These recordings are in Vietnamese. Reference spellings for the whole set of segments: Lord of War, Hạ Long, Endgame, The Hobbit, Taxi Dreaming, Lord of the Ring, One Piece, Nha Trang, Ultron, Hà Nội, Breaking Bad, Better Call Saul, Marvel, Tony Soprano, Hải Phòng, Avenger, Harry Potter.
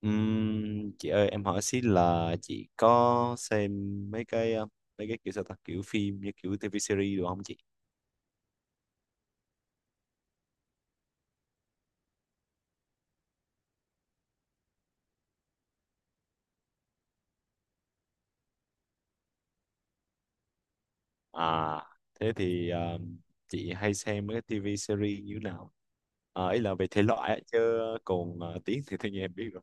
Chị ơi, em hỏi xí là chị có xem mấy mấy cái kiểu sao ta kiểu phim như kiểu TV series được không chị? À, thế thì chị hay xem mấy cái TV series như thế nào? À, ý là về thể loại á, chứ còn tiếng thì tự nhiên em biết rồi.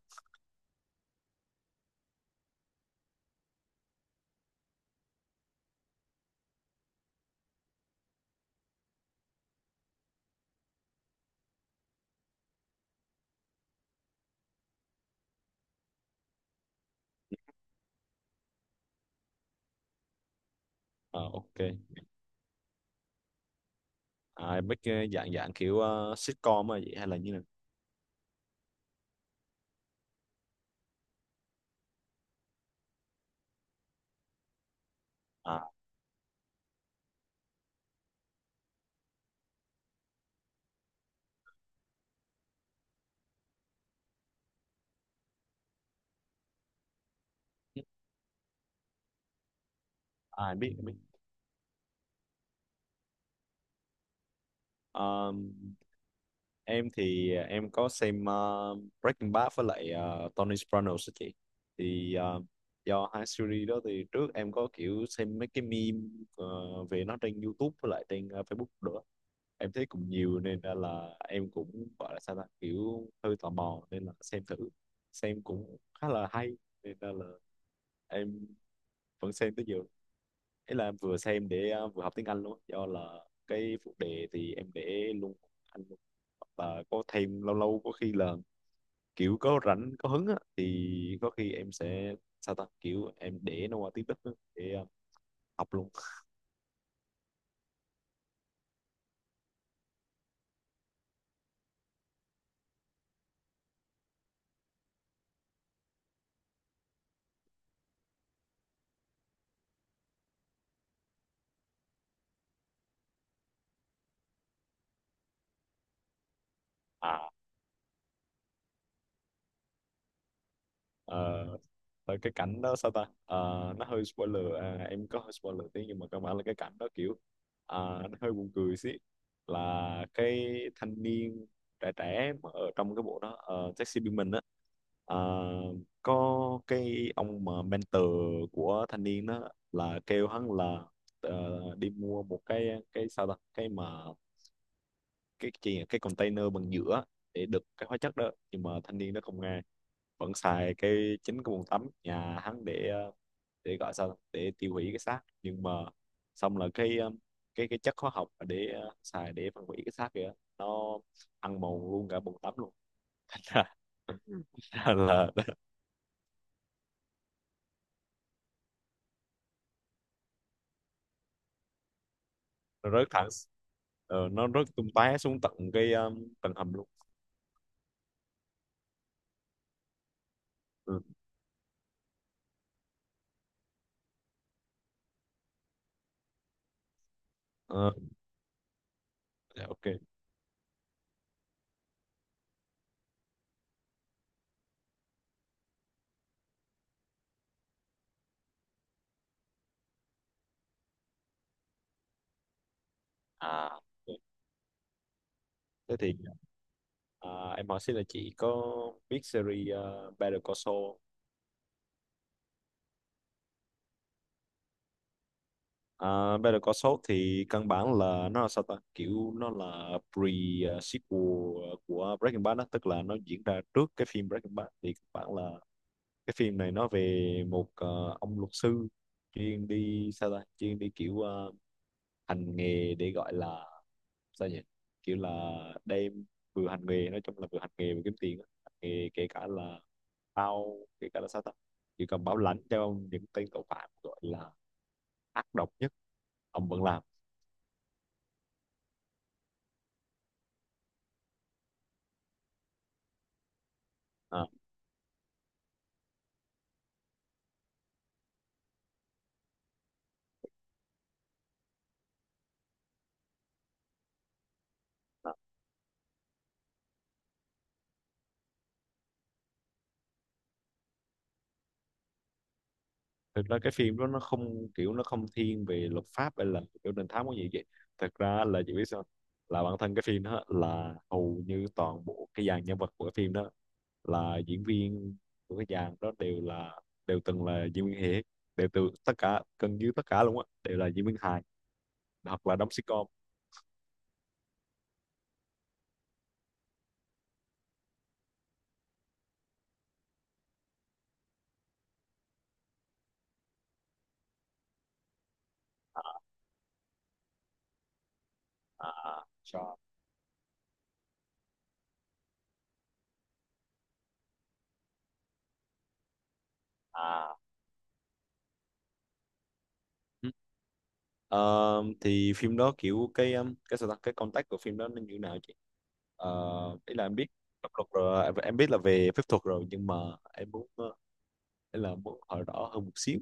Ờ, ok. À, mấy cái dạng dạng kiểu sitcom mà vậy hay là như nào? À, à em biết em biết. Em có xem Breaking Bad với lại Tony Sopranos á chị, thì ờ, do hai series đó thì trước em có kiểu xem mấy cái meme ờ, về nó trên YouTube với lại trên Facebook nữa. Em thấy cũng nhiều nên ra là em cũng gọi là sao ta kiểu hơi tò mò nên là xem thử, xem cũng khá là hay nên ra là em vẫn xem tới giờ. Thế là em vừa xem để vừa học tiếng Anh luôn, do là cái phụ đề thì em để luôn Anh luôn. Và có thêm lâu lâu có khi là kiểu có rảnh có hứng á, thì có khi em sẽ sao ta kiểu em để nó qua tiếng Đức á, để học luôn. À, Ờ, tại cái cảnh đó sao ta. Ờ, nó hơi spoiler, à em có hơi spoiler tí nhưng mà cơ bản là cái cảnh đó kiểu, à, nó hơi buồn cười xí. Là cái thanh niên trẻ trẻ mà ở trong cái bộ đó Taxi Dreaming á, ờ, có cái ông mà mentor của thanh niên đó là kêu hắn là đi mua một cái sao ta cái mà cái gì nhỉ? Cái container bằng nhựa để đựng cái hóa chất đó, nhưng mà thanh niên nó không nghe, vẫn xài cái chính cái bồn tắm nhà hắn để gọi sao ta? Để tiêu hủy cái xác. Nhưng mà xong là cái chất hóa học mà xài để phân hủy cái xác kìa, nó ăn mòn luôn cả bồn tắm luôn. là, là nó rớt thẳng. Nó rớt tung tóe xuống tận tầng hầm luôn. Ừ. Ờ, dạ, ok. À ok. Thế thì, à, em hỏi xin là chị có biết series Better Call Saul. À, Better Call Saul thì căn bản là nó là sao ta kiểu nó là pre-sequel của Breaking Bad đó, tức là nó diễn ra trước cái phim Breaking Bad. Thì căn bản là cái phim này nó về một ông luật sư chuyên đi sao ta chuyên đi kiểu hành nghề để gọi là sao nhỉ kiểu là đem vừa hành nghề, nói chung là vừa hành nghề vừa kiếm tiền á. Hành nghề kể cả là bao kể cả là sao ta chỉ cần bảo lãnh cho ông những tên tội phạm gọi là ác độc nhất ông vẫn làm. À, thực ra cái phim đó nó không kiểu nó không thiên về luật pháp hay là kiểu đình thám có gì vậy. Thực ra là chị biết sao, là bản thân cái phim đó là hầu như toàn bộ cái dàn nhân vật của cái phim đó là diễn viên của cái dàn đó đều là đều từng là diễn viên hề, đều từ tất cả gần như tất cả luôn á đều là diễn viên hài hoặc là đóng sitcom. À, sao? À. Ừ. Ờ, thì phim đó kiểu cái cái sao ta cái contact của phim đó nó như thế nào chị? Ý là em biết pháp luật rồi, à em biết là về phép thuật rồi nhưng mà em muốn ý là muốn hỏi rõ hơn một xíu.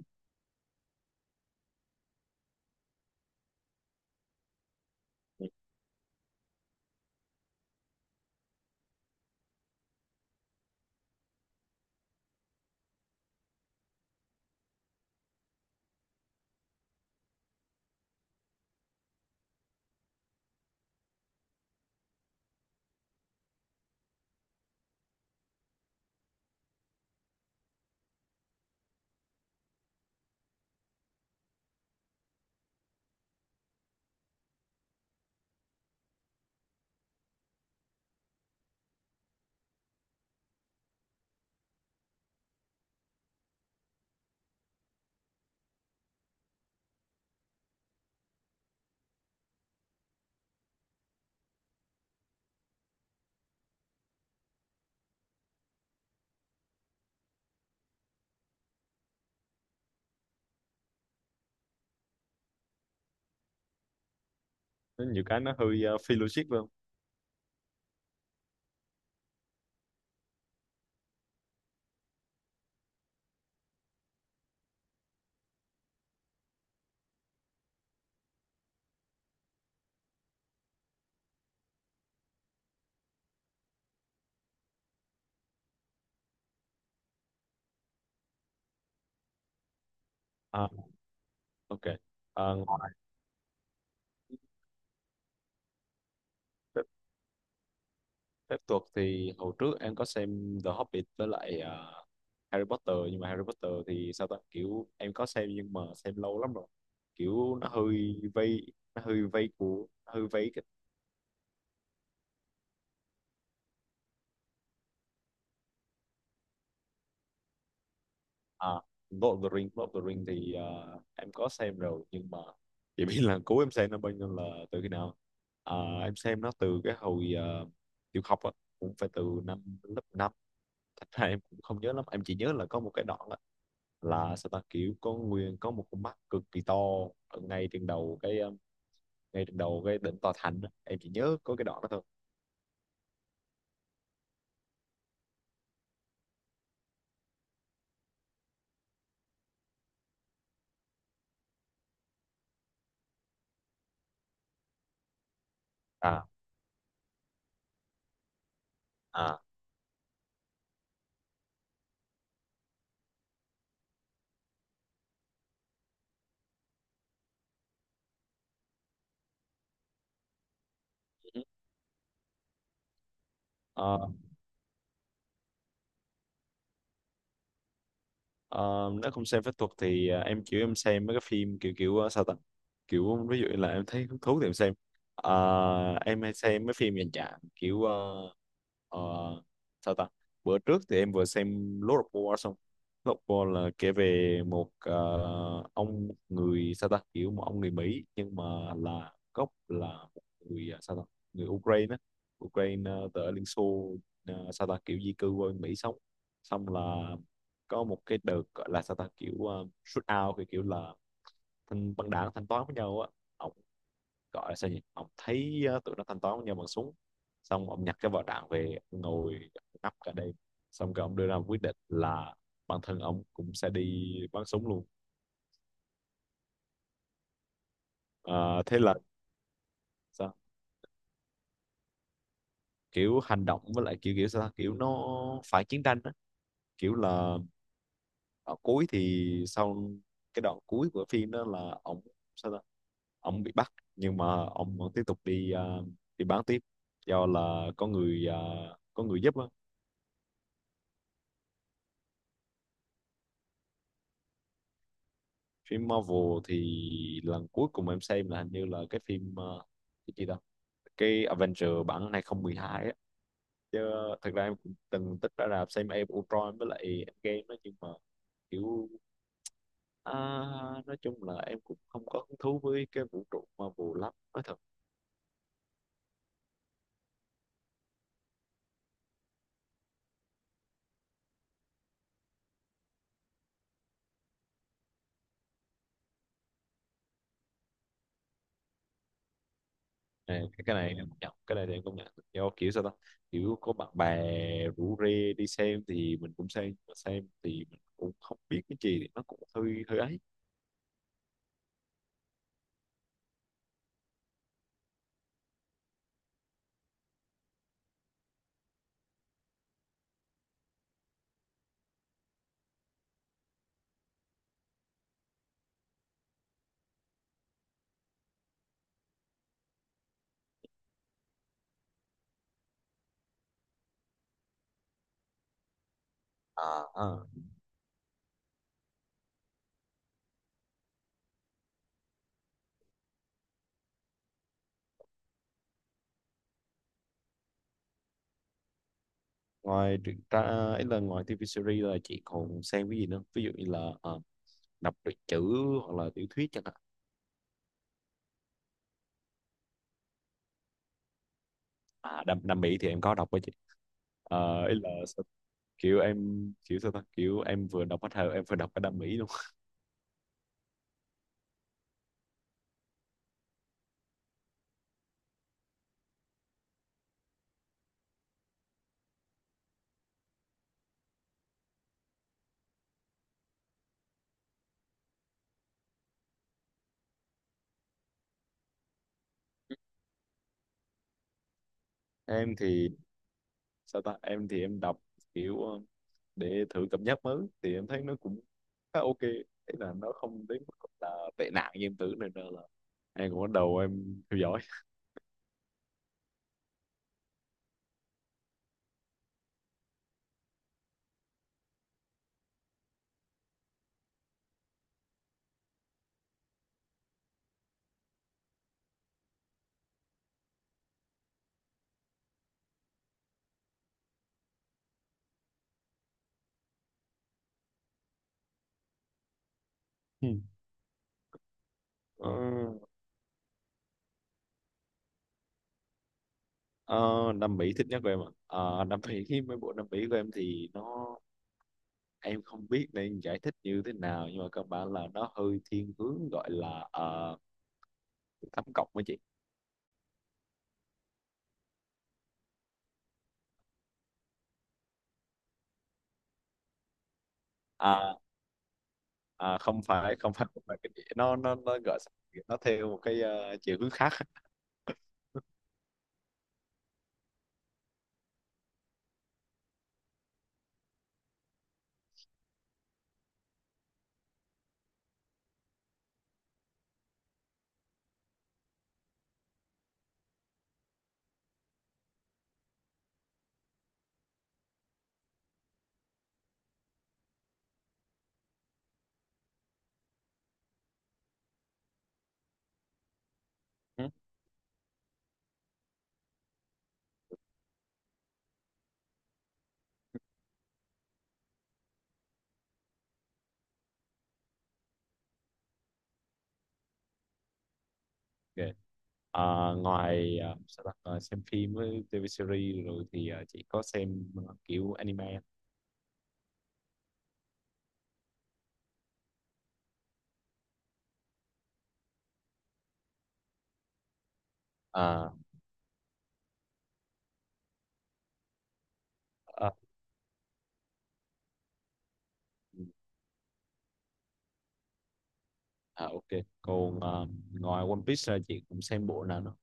Ừ. Có nhiều cái nó hơi phi logic phải không? À, ok. Ờ, ngoài phép, phép thuật thì hồi trước em có xem The Hobbit với lại Harry Potter. Nhưng mà Harry Potter thì sao ta kiểu em có xem nhưng mà xem lâu lắm rồi, kiểu nó hơi vây của hơi vây. À, Lord of the Ring, Lord of the Ring thì em có xem rồi nhưng mà chỉ biết là cũ em xem nó bao nhiêu là từ khi nào. À, em xem nó từ cái hồi tiểu học á, cũng phải từ năm lớp năm. Thật ra em cũng không nhớ lắm, em chỉ nhớ là có một cái đoạn á, là sao ta kiểu có nguyên có một con mắt cực kỳ to ở ngay trên đầu ngay trên đầu cái đỉnh tòa thành á. Em chỉ nhớ có cái đoạn đó thôi. À. À. Ừ. Ờ. Ờ, nếu không xem phép thuật thì à, em kiểu em xem mấy cái phim kiểu kiểu à, sao ta kiểu ví dụ như là em thấy hứng thú thì em xem. Ờ, em hay xem mấy phim dành dạng kiểu ờ, sao ta bữa trước thì em vừa xem Lord of War xong. Lord of War là kể về một ông người sao ta kiểu một ông người Mỹ nhưng mà là gốc là một người à, sao ta người Ukraine á, Ukraine từ ở Liên Xô, sao ta kiểu di cư qua Mỹ sống. Xong là có một cái đợt gọi là sao ta kiểu shoot out kiểu, kiểu là thanh băng đảng thanh toán với nhau á. Ông gọi là sao nhỉ, ông thấy tụi nó thanh toán với nhau bằng súng, xong ông nhặt cái vỏ đạn về ông ngồi ngắp cả đêm, xong rồi ông đưa ra một quyết định là bản thân ông cũng sẽ đi bắn súng luôn. Ờ, thế là sao kiểu hành động với lại kiểu kiểu sao kiểu nó phải chiến tranh á, kiểu là ở cuối thì sau cái đoạn cuối của phim đó là ông sao ta ông bị bắt nhưng mà ông vẫn tiếp tục đi đi bán tiếp do là có người có người giúp á. Phim Marvel thì lần cuối cùng em xem là hình như là cái phim cái gì đó, cái Avenger bản 2012 á. Chứ thật ra em cũng từng tích ra rạp xem em Ultron với lại Endgame đó, nhưng mà kiểu, à, nói chung là em cũng không có hứng thú với cái vũ trụ Marvel lắm nói thật. Này, cái này em công nhận, cái này thì em công nhận do kiểu sao ta kiểu có bạn bè rủ rê đi xem thì mình cũng xem mà xem thì mình cũng không biết cái gì thì nó cũng hơi hơi ấy. À, à. Ngoài truyện tra ấy là ngoài TV series là chị còn xem cái gì nữa, ví dụ như là à, đọc truyện chữ hoặc là tiểu thuyết chẳng hạn? À Nam, Nam Mỹ thì em có đọc với chị. À, ấy là sao- kiểu em kiểu sao ta kiểu em vừa đọc bắt đầu em vừa đọc cái Nam Mỹ luôn. Em thì sao ta em thì em đọc kiểu để thử cảm giác mới thì em thấy nó cũng khá ok. Thế là nó không đến mức là tệ nạn như em tưởng nên là em cũng bắt đầu em theo dõi. Ừ. ờ, ờ, Nam Mỹ thích nhất của em à? Ờ, Nam Mỹ khi mấy bộ Nam Mỹ của em thì nó, em không biết nên giải thích như thế nào nhưng mà cơ bản là nó hơi thiên hướng gọi là tám cộng với chị. À, à, không phải không phải không phải cái gì. Nó gọi, nó theo một cái chiều hướng khác. Ừ. Ok. Ờ, ngoài sao ta? Ờ, xem phim với TV series rồi thì chị có xem kiểu anime? À, à, à ok. Còn ngoài One Piece ra chị cũng xem bộ nào nữa?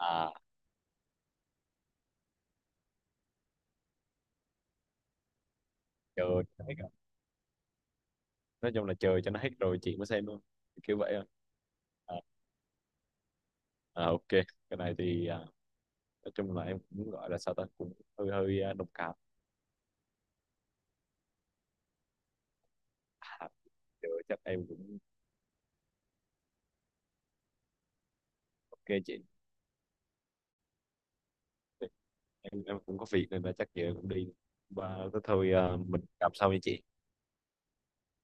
À chờ cho nó hết rồi. Nói chung là chờ cho nó hết rồi chị mới xem luôn, kiểu vậy thôi. À, à, ok. Cái này thì à, nói chung là em cũng gọi là sao ta cũng hơi hơi à, đồng cảm. À, giờ chắc em cũng ok chị. Em cũng có việc nên là chắc giờ em cũng đi. Và thôi à, mình gặp sau nha chị.